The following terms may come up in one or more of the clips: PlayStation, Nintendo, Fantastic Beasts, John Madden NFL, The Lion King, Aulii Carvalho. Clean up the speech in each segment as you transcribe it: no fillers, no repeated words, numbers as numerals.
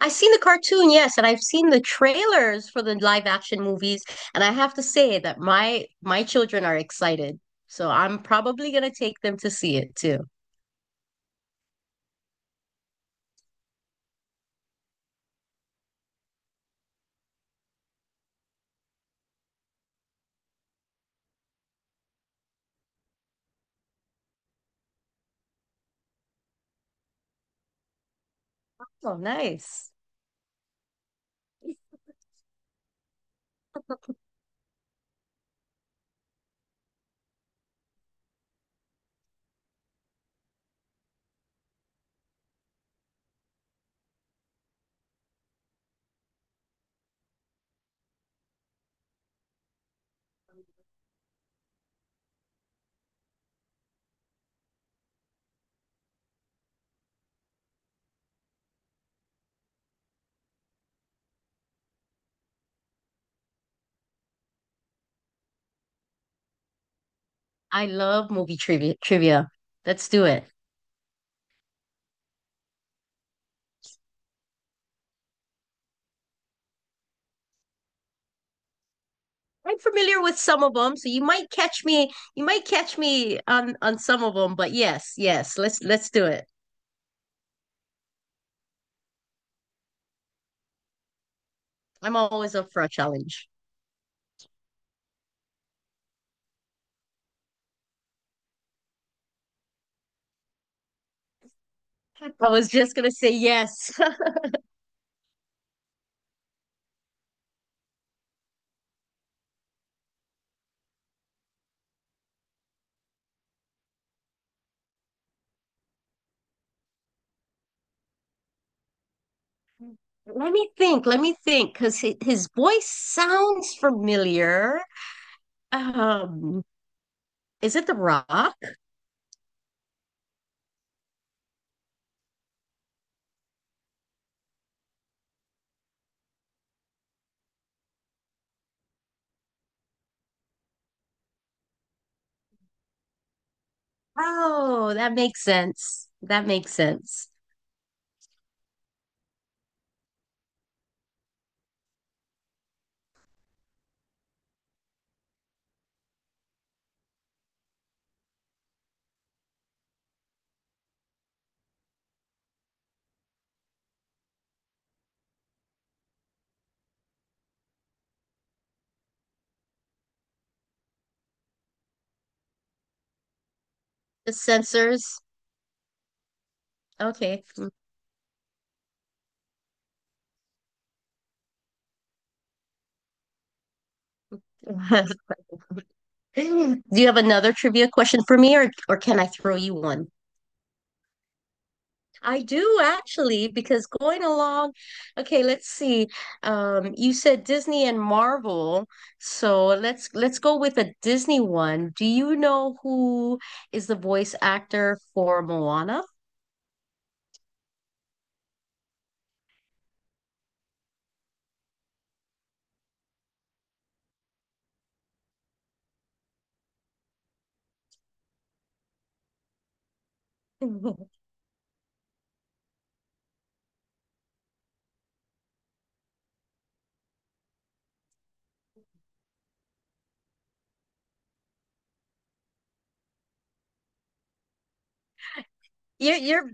I've seen the cartoon, yes, and I've seen the trailers for the live action movies, and I have to say that my children are excited. So I'm probably gonna take them to see it too. Oh, nice. I love movie trivia. Let's do it. I'm familiar with some of them, so you might catch me on some of them, but yes, yes, let's do it. I'm always up for a challenge. I was just gonna say yes. Let me think. Let me think, because his voice sounds familiar. Um, is it The Rock? Oh, that makes sense. That makes sense. The sensors. Okay. Do you have another trivia question for me, or can I throw you one? I do actually, because going along, okay, let's see. You said Disney and Marvel, so let's go with a Disney one. Do you know who is the voice actor for Moana? You're you're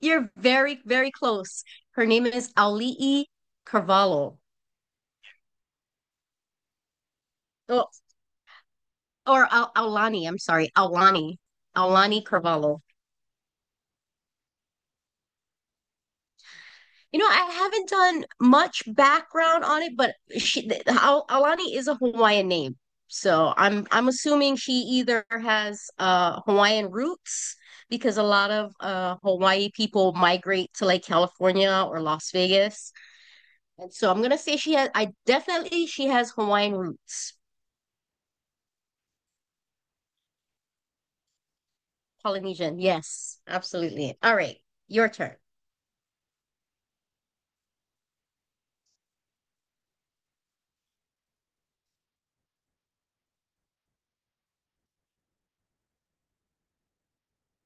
you're very very close. Her name is Aulii Carvalho, or, or Al Aulani. I'm sorry, Aulani, Aulani Carvalho. You know, I haven't done much background on it, but she Al Aulani is a Hawaiian name, so I'm assuming she either has Hawaiian roots because a lot of Hawaii people migrate to like California or Las Vegas. And so I'm gonna say she has, I definitely she has Hawaiian roots. Polynesian. Yes, absolutely. All right, your turn.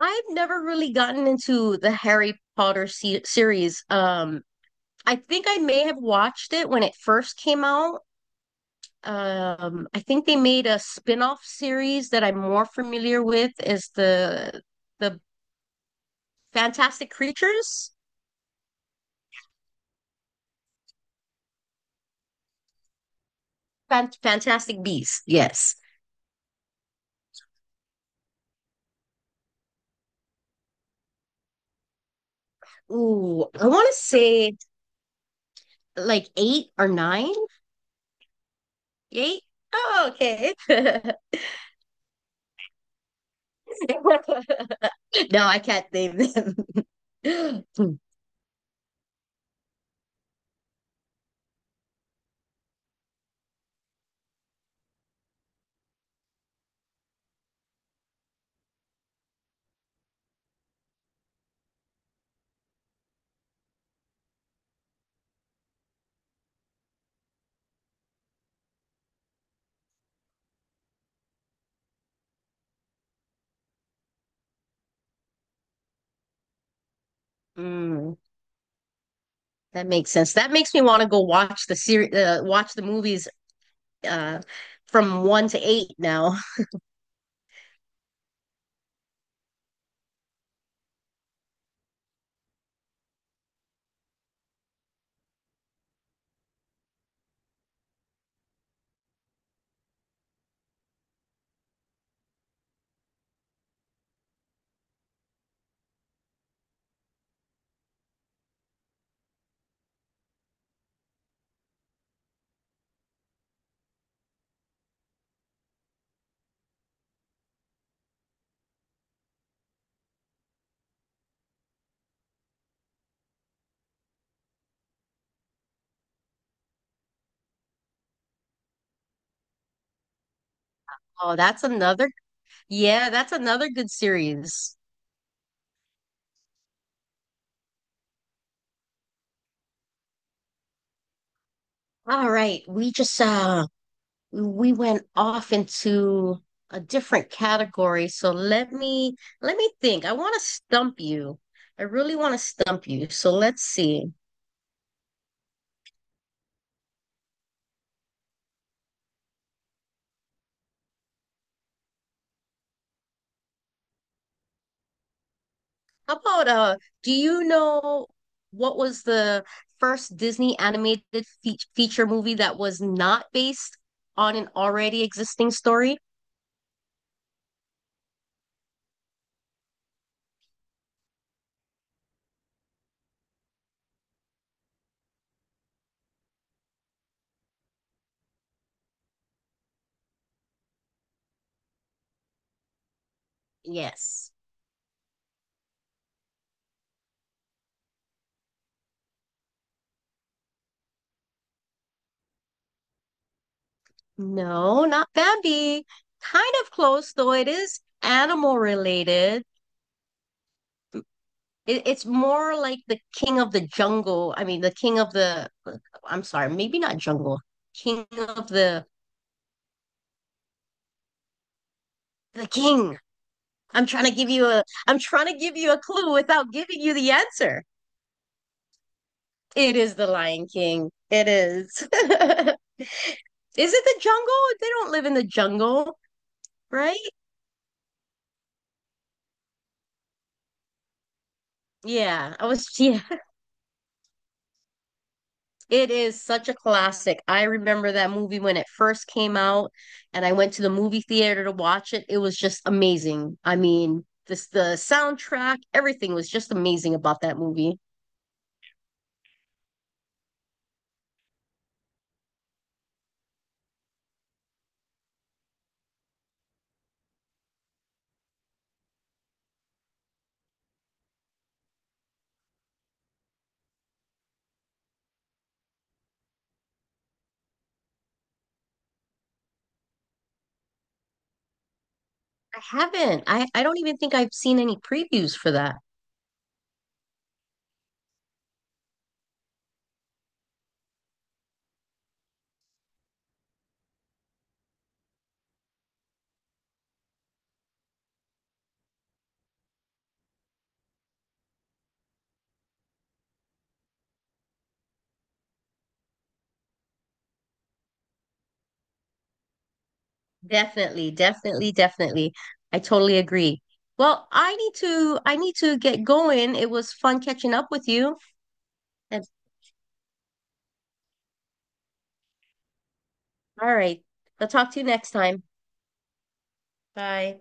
I've never really gotten into the Harry Potter series. I think I may have watched it when it first came out. I think they made a spin-off series that I'm more familiar with is the Fantastic Creatures, Fantastic Beasts. Yes. Ooh, I want to say like eight or nine, eight. Oh, okay. No, I can't name them. Mm, that makes sense. That makes me want to go watch the series, watch the movies uh, from one to eight now. Oh, that's another. Yeah, that's another good series. All right, we just we went off into a different category. So let me think. I want to stump you. I really want to stump you. So let's see. How about do you know what was the first Disney animated fe feature movie that was not based on an already existing story? Yes. No, not Bambi. Kind of close, though it is animal related. It's more like the King of the Jungle. I mean, the King of the, I'm sorry, maybe not jungle. King of the King. I'm trying to give you a, I'm trying to give you a clue without giving you the answer. It is the Lion King. It is. Is it the jungle? They don't live in the jungle, right? Yeah, I was, yeah. It is such a classic. I remember that movie when it first came out, and I went to the movie theater to watch it. It was just amazing. I mean, this the soundtrack, everything was just amazing about that movie. I haven't. I don't even think I've seen any previews for that. Definitely, definitely, definitely. I totally agree. Well, I need to get going. It was fun catching up with you. And all right. I'll talk to you next time. Bye.